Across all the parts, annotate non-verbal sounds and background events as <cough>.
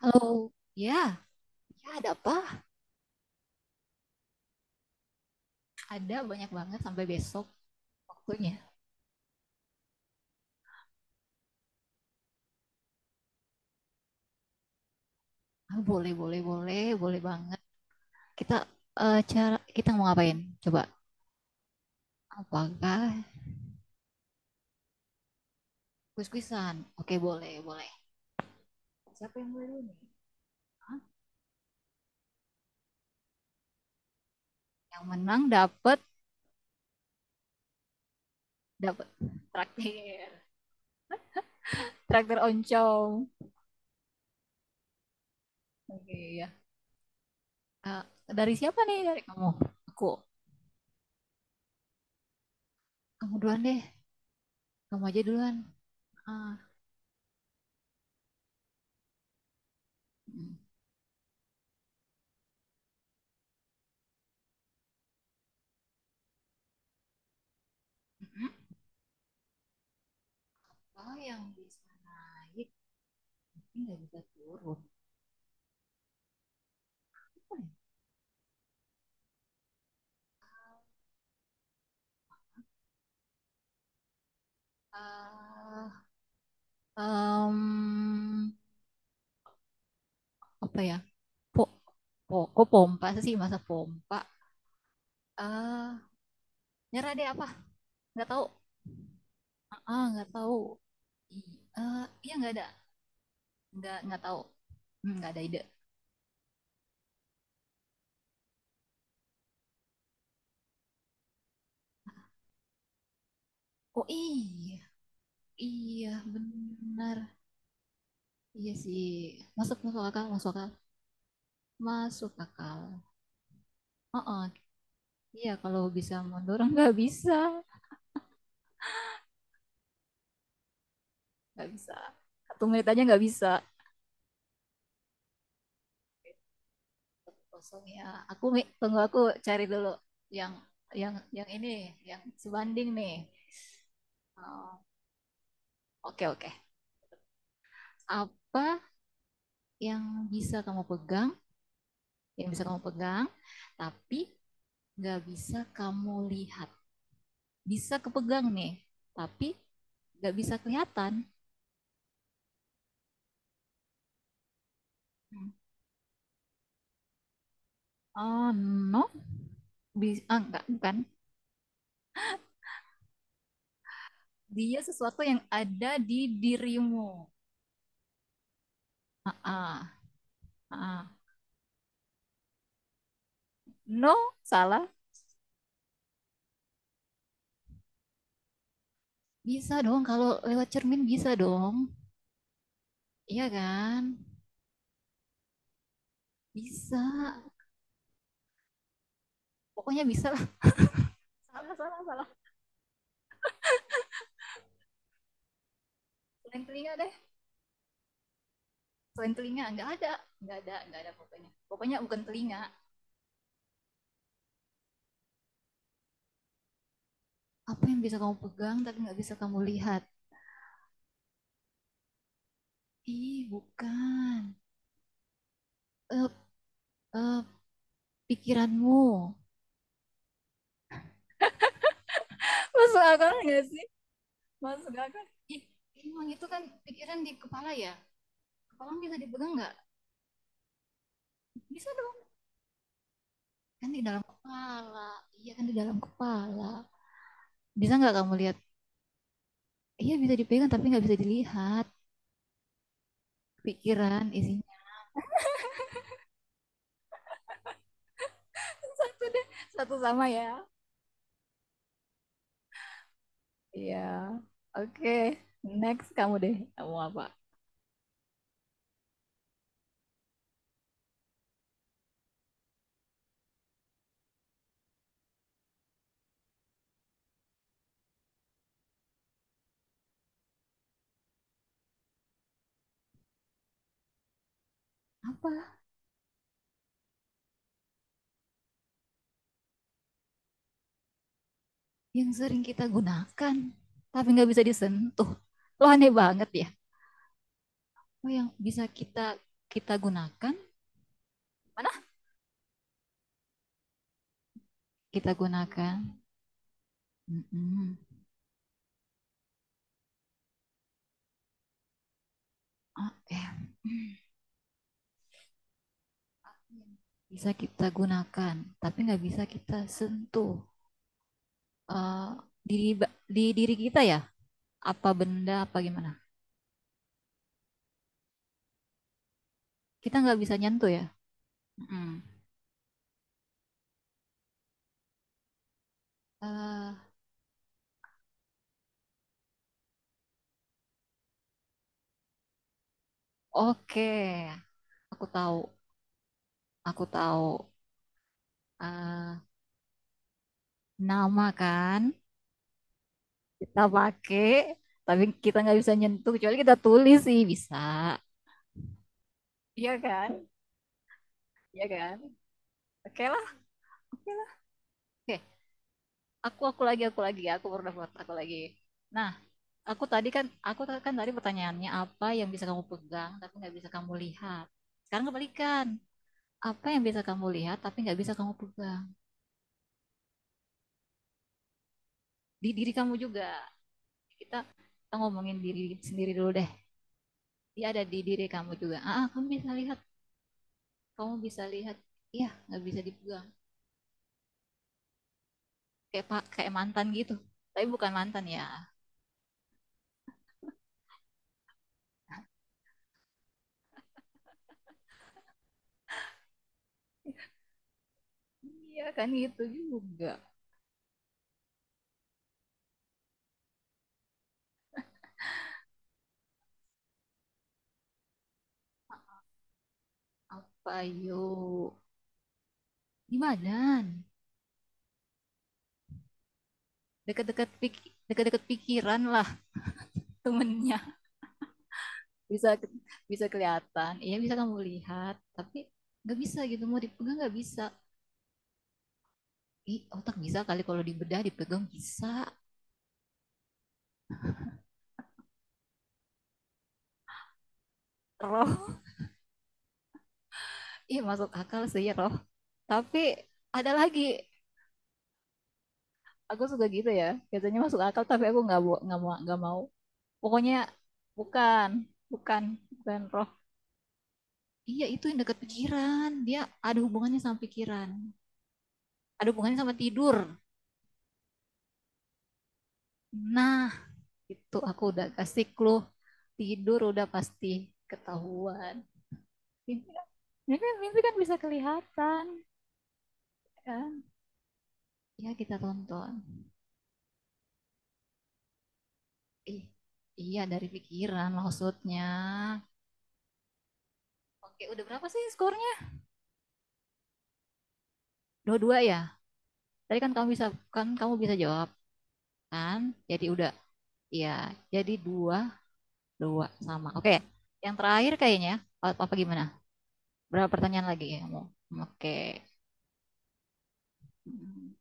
Halo, ya, ya ada apa? Ada banyak banget sampai besok waktunya. Ah, boleh, boleh, boleh, boleh banget. Kita cara kita mau ngapain? Coba. Apakah kuis-kuisan? Oke, boleh, boleh. Siapa yang mulai dulu nih? Hah? Yang menang dapat dapat traktir. Traktir oncom. Oke, ya. Dari siapa nih? Dari kamu. Aku. Kamu duluan deh. Kamu aja duluan. Ah. Mm. Oh, yang di sana. Ya, ini nggak bisa turun. Eh, em, apa ya? Po, po, kok pompa sih masa pompa? Eh, nyerah deh apa? Nggak tahu. Ah, nggak tahu. I- eh, iya nggak ada. Nggak tahu. Nggak ada ide. Oh iya, iya benar. Iya sih. Masuk masuk akal, masuk akal, masuk akal. Oh, oh. Iya kalau bisa mundur <laughs> nggak bisa, nggak bisa. 1 menit aja nggak bisa. Kosong ya, aku tunggu, aku cari dulu yang yang ini yang sebanding nih. Oh, oke oke, apa yang bisa kamu pegang yang bisa kamu pegang tapi nggak bisa kamu lihat? Bisa kepegang nih tapi nggak bisa kelihatan. Oh no, bisa, nggak bukan, dia sesuatu yang ada di dirimu. ah ah, ah. No, salah. Bisa dong kalau lewat cermin, bisa dong. Iya kan? Bisa. Pokoknya bisa lah. Salah, salah, salah. Selain telinga deh. Selain telinga. Nggak ada. Nggak ada, nggak ada pokoknya. Pokoknya bukan telinga. Apa yang bisa kamu pegang tapi nggak bisa kamu lihat? Ih, bukan. Eh, eh, pikiranmu. Masuk akal nggak sih? Masuk akal. Ih, emang itu kan pikiran di kepala ya? Kepala bisa dipegang nggak? Bisa dong. Kan di dalam kepala. Iya kan di dalam kepala. Bisa nggak kamu lihat? Iya bisa dipegang tapi nggak bisa dilihat. Pikiran isinya. <laughs> Sudah, 1-1 ya. Iya. Oke. Next kamu deh. Kamu apa? Apa yang sering kita gunakan tapi nggak bisa disentuh? Lo aneh banget ya. Oh, yang bisa kita kita gunakan. Mana? Kita gunakan. Mm-mm. Eh, mm. Bisa kita gunakan tapi nggak bisa kita sentuh. Eh, di, di diri kita ya? Apa benda apa gimana? Kita nggak bisa nyentuh ya? Mm-mm. Eh, Oke, aku tahu, aku tahu eh nama kan kita pakai, tapi kita nggak bisa nyentuh kecuali kita tulis sih bisa. Iya kan? Iya kan? Oke lah, oke lah. Oke, aku lagi, aku lagi, aku pernah buat aku lagi. Nah, aku tadi kan, kan tadi pertanyaannya apa yang bisa kamu pegang tapi nggak bisa kamu lihat. Sekarang kebalikan, apa yang bisa kamu lihat tapi nggak bisa kamu pegang di diri kamu juga. Kita kita ngomongin diri sendiri dulu deh. Dia ada di diri kamu juga kamu bisa lihat, kamu bisa lihat, iya nggak bisa dipegang kayak mantan gitu, tapi bukan mantan ya. Iya kan gitu juga. Apa yuk? Di badan dekat-dekat pikiran lah, temennya. <laughs> bisa bisa kelihatan, iya bisa kamu lihat tapi nggak bisa gitu mau dipegang nggak bisa. Ih, otak bisa kali kalau dibedah dipegang bisa roh. <laughs> Iya masuk akal sih roh, tapi ada lagi. Aku suka gitu ya, biasanya masuk akal tapi aku nggak mau pokoknya bukan bukan bukan roh. Iya itu yang dekat pikiran dia. Ada hubungannya sama pikiran. Ada hubungannya sama tidur. Nah, itu aku udah kasih clue. Tidur udah pasti ketahuan. Mimpi kan. Mimpi kan, mimpi kan bisa kelihatan kan. Ya kita tonton. Ih, iya dari pikiran maksudnya. Oke, udah berapa sih skornya? 2-2 ya. Tadi kan kamu bisa, kan kamu bisa jawab kan. Jadi udah ya, jadi dua dua sama. Oke. Yang terakhir kayaknya apa, apa gimana, berapa pertanyaan lagi ya kamu? Oke. Mm.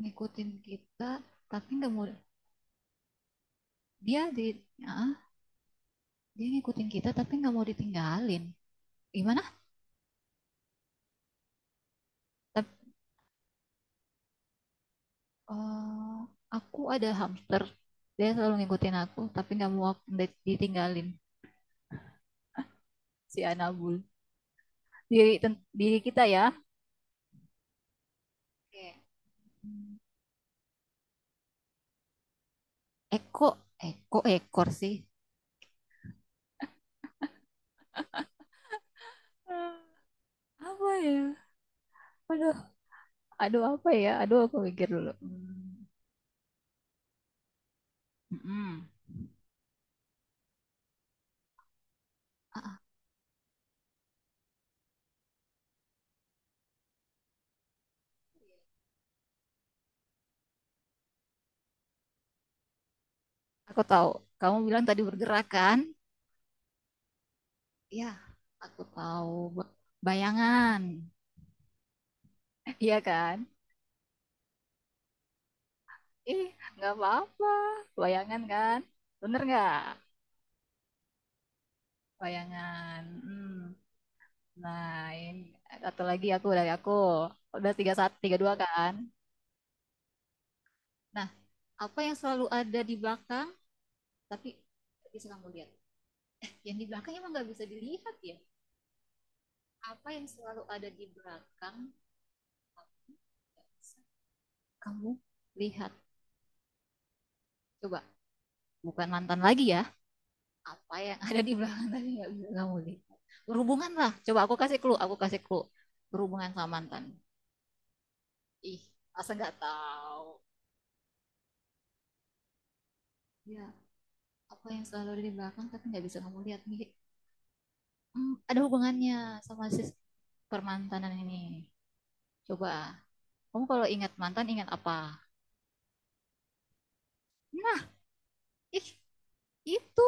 Ngikutin kita tapi nggak mau. dia di ah, Dia ngikutin kita tapi nggak mau ditinggalin gimana. Tapi eh, aku ada hamster, dia selalu ngikutin aku tapi nggak mau ditinggalin si Anabul. Diri kita ya. Oke. Eko Eko ekor sih. Hmm. Apa ya? Aduh, aduh apa ya? Aduh, aku pikir dulu. Hmm, mm-mm. A- Aku tahu. Kamu bilang tadi bergerak kan? Ya, aku tahu. Ba- Bayangan. <laughs> Iya kan? Ih, nggak apa-apa. Bayangan kan? Bener nggak? Bayangan. Hmm. Nah, ini satu lagi aku dari aku. Udah 3-1, 3-2 kan? Nah, apa yang selalu ada di belakang tapi nggak bisa kamu lihat? Yang di belakang emang nggak bisa dilihat ya? Apa yang selalu ada di belakang kamu lihat, coba, bukan mantan lagi ya. Apa yang ada di belakang tadi nggak bisa kamu lihat, berhubungan lah, coba aku kasih clue, aku kasih clue. Berhubungan sama mantan, ih masa nggak tahu ya. Apa yang selalu ada di belakang tapi nggak bisa kamu lihat nih. Hmm, ada hubungannya sama permantanan ini. Coba, kamu kalau ingat mantan ingat apa? Nah, ih, itu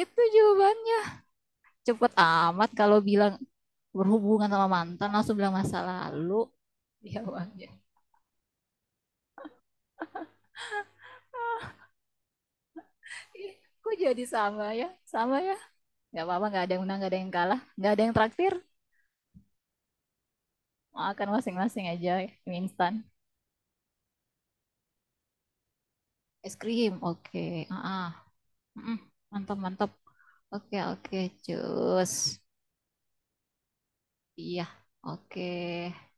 itu jawabannya. Cepet amat kalau bilang berhubungan sama mantan langsung bilang masa lalu. Ya uangnya. Kok jadi sama ya, sama ya, nggak apa-apa, nggak ada yang menang, nggak ada yang kalah, nggak ada yang traktir. Makan masing-masing aja, mie instan, es krim, oke. Ah, ah. Mm-mm. Mantap mantap. Oke okay, oke okay. Cus. Iya. Oke. Okay.